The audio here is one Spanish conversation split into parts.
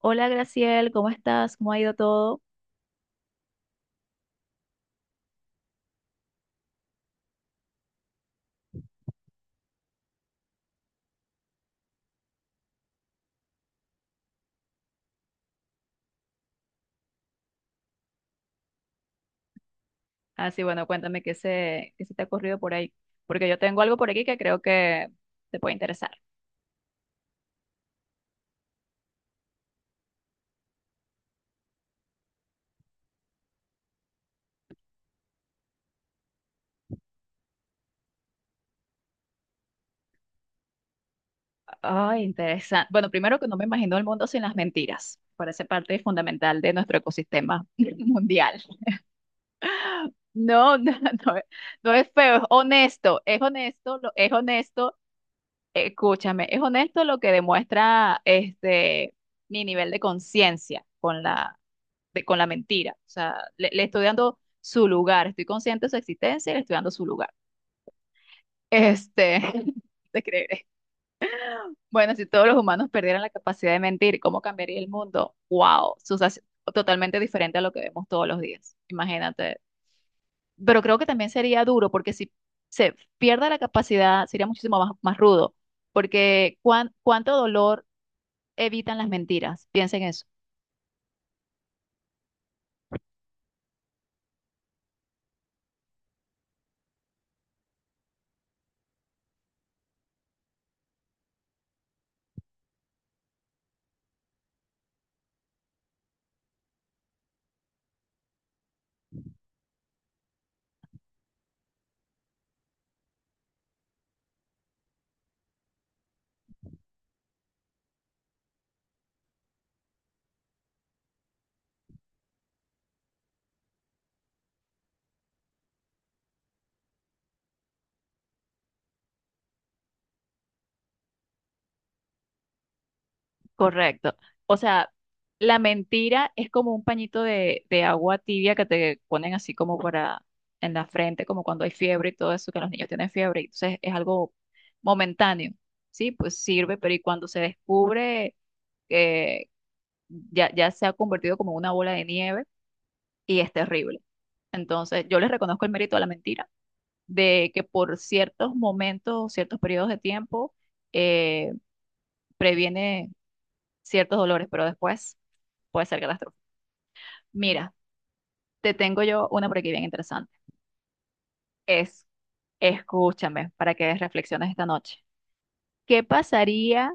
Hola Graciel, ¿cómo estás? ¿Cómo ha ido todo? Ah, sí, bueno, cuéntame qué se te ha ocurrido por ahí, porque yo tengo algo por aquí que creo que te puede interesar. Ay, interesante. Bueno, primero que no me imagino el mundo sin las mentiras. Parece parte fundamental de nuestro ecosistema mundial. No, no, no, es no es feo, es honesto, es honesto, es honesto, escúchame, es honesto lo que demuestra mi nivel de conciencia con la con la mentira. O sea, le estoy dando su lugar, estoy consciente de su existencia y le estoy dando su lugar. Este, te creeré. Bueno, si todos los humanos perdieran la capacidad de mentir, ¿cómo cambiaría el mundo? ¡Wow! Totalmente diferente a lo que vemos todos los días. Imagínate. Pero creo que también sería duro, porque si se pierde la capacidad, sería muchísimo más rudo, porque cuánto dolor evitan las mentiras. Piensen eso. Correcto. O sea, la mentira es como un pañito de agua tibia que te ponen así como para en la frente, como cuando hay fiebre y todo eso, que los niños tienen fiebre. Y entonces es algo momentáneo, ¿sí? Pues sirve, pero y cuando se descubre que ya se ha convertido como en una bola de nieve y es terrible. Entonces yo les reconozco el mérito a la mentira, de que por ciertos momentos, ciertos periodos de tiempo, eh, previene ciertos dolores, pero después puede ser catastrófico. Mira, te tengo yo una por aquí bien interesante. Es, escúchame para que reflexiones esta noche. ¿Qué pasaría,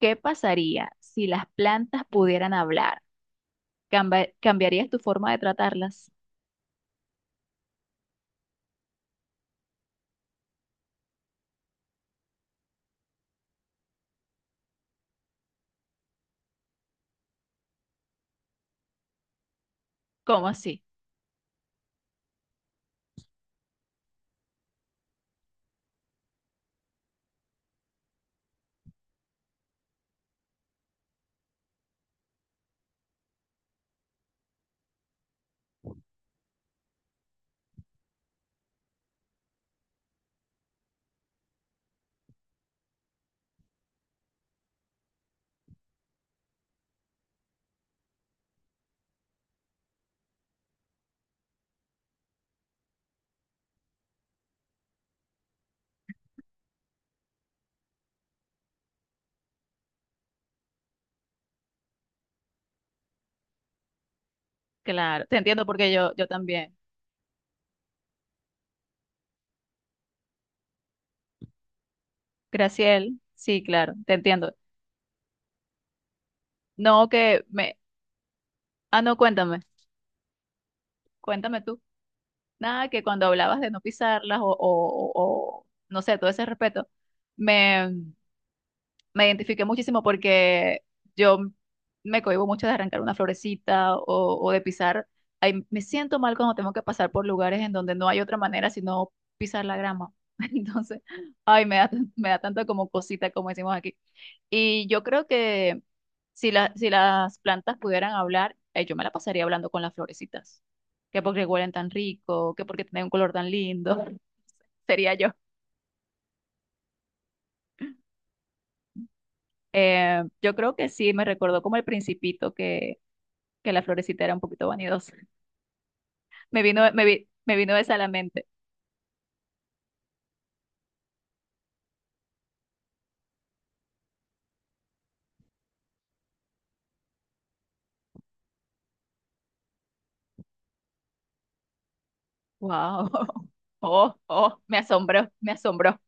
qué pasaría si las plantas pudieran hablar? ¿Cambiarías tu forma de tratarlas? ¿Cómo así? Claro, te entiendo porque yo también. Graciel, sí, claro, te entiendo. No que me... Ah, no, cuéntame. Cuéntame tú. Nada, que cuando hablabas de no pisarlas o, no sé, todo ese respeto, me, me identifiqué muchísimo porque yo me cohíbo mucho de arrancar una florecita o de pisar. Ay, me siento mal cuando tengo que pasar por lugares en donde no hay otra manera sino pisar la grama. Entonces, ay, me da tanto como cosita, como decimos aquí. Y yo creo que si las plantas pudieran hablar, yo me la pasaría hablando con las florecitas. Que porque huelen tan rico, que porque tienen un color tan lindo, sería yo. Yo creo que sí, me recordó como el Principito que la florecita era un poquito vanidosa. Me vino esa a la mente. Wow. Oh, oh, me asombró, me asombró.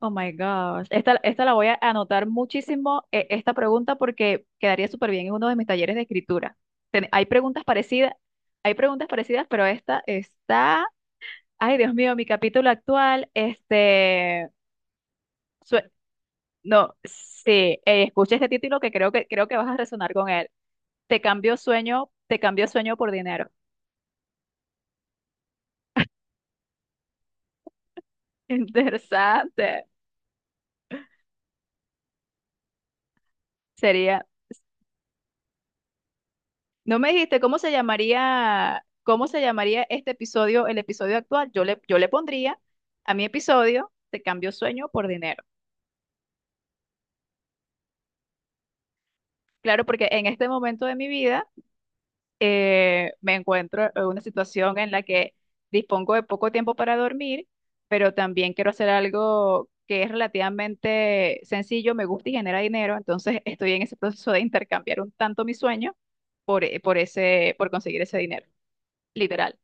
Oh my gosh. Esta la voy a anotar muchísimo, esta pregunta, porque quedaría súper bien en uno de mis talleres de escritura. Ten- hay preguntas parecidas, hay preguntas parecidas, pero esta está. Ay, Dios mío, mi capítulo actual. sue- no, sí, escucha este título que creo que vas a resonar con él. Te cambio sueño por dinero. Interesante. Sería. No me dijiste cómo se llamaría este episodio, el episodio actual. Yo le pondría a mi episodio, te cambio sueño por dinero. Claro, porque en este momento de mi vida me encuentro en una situación en la que dispongo de poco tiempo para dormir, pero también quiero hacer algo que es relativamente sencillo, me gusta y genera dinero. Entonces estoy en ese proceso de intercambiar un tanto mi sueño por conseguir ese dinero. Literal.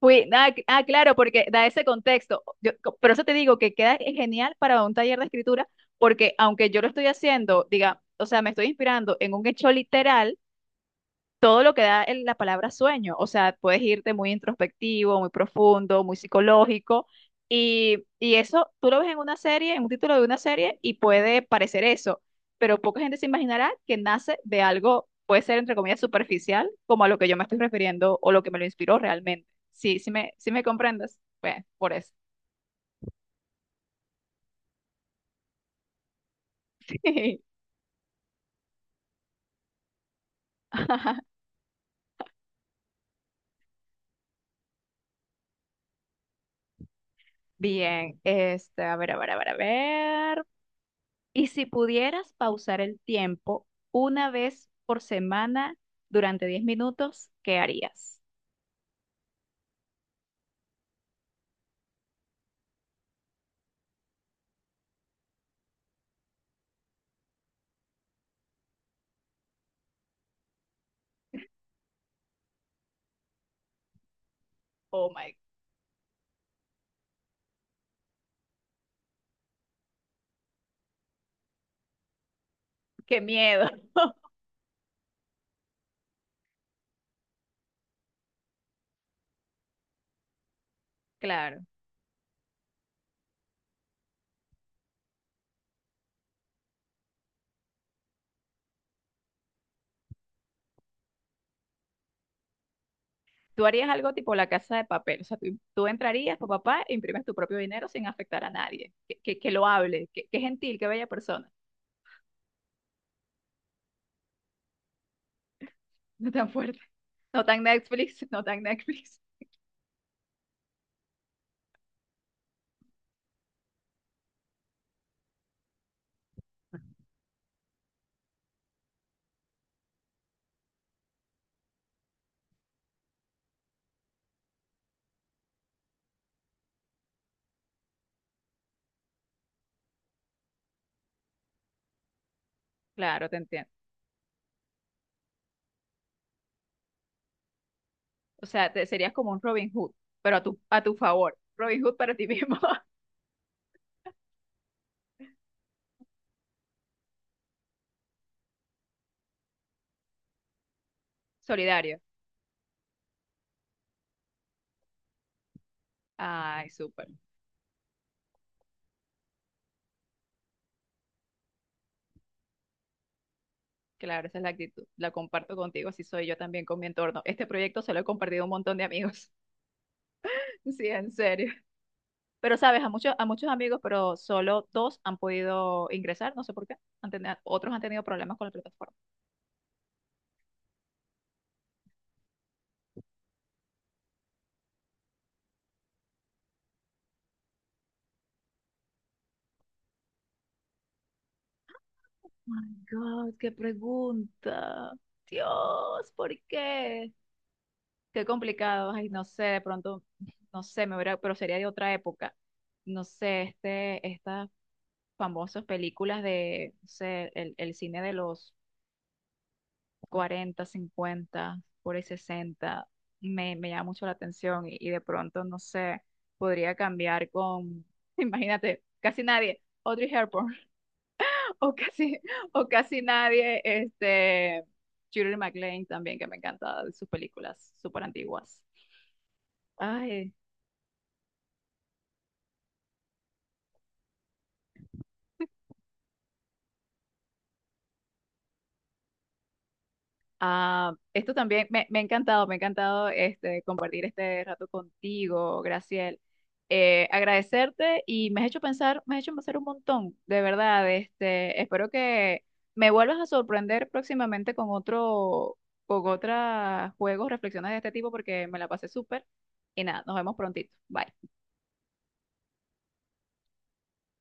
Ah, ah, claro, porque da ese contexto. Por eso te digo que queda genial para un taller de escritura, porque aunque yo lo estoy haciendo, diga, o sea, me estoy inspirando en un hecho literal, todo lo que da la palabra sueño. O sea, puedes irte muy introspectivo, muy profundo, muy psicológico. Y eso tú lo ves en una serie, en un título de una serie, y puede parecer eso. Pero poca gente se imaginará que nace de algo, puede ser entre comillas superficial, como a lo que yo me estoy refiriendo o lo que me lo inspiró realmente. Sí, sí me comprendes. Bueno, por eso. Bien, este, a ver, a ver, a ver, a ver. Y si pudieras pausar el tiempo una vez por semana durante 10 minutos, ¿qué harías? Oh my, qué miedo. Claro. Tú harías algo tipo la casa de papel. O sea, tú entrarías, papá, papá, e imprimes tu propio dinero sin afectar a nadie. Que lo hable. Que gentil, qué bella persona. No tan fuerte. No tan Netflix, no tan Netflix. Claro, te entiendo. O sea, te, serías como un Robin Hood, pero a tu favor. Robin Hood para ti mismo. Solidario. Ay, súper. Claro, esa es la actitud. La comparto contigo, así soy yo también con mi entorno. Este proyecto se lo he compartido a un montón de amigos. Sí, en serio. Pero sabes, a muchos amigos, pero solo dos han podido ingresar, no sé por qué. Otros han tenido problemas con la plataforma. My God, qué pregunta. Dios, ¿por qué? Qué complicado, ay, no sé, de pronto, no sé, me hubiera, pero sería de otra época. No sé, estas famosas películas de, no sé, el cine de los 40 50 por ahí 60 me llama mucho la atención y de pronto, no sé, podría cambiar con, imagínate, casi nadie, Audrey Hepburn, o casi, o casi nadie, Shirley MacLaine también, que me encanta de sus películas súper antiguas. Ay. Ah, esto también me ha encantado, me ha encantado compartir este rato contigo, Graciel. Agradecerte y me has hecho pensar, me has hecho pensar un montón, de verdad. Espero que me vuelvas a sorprender próximamente con otros juegos, reflexiones de este tipo, porque me la pasé súper. Y nada, nos vemos prontito. Bye.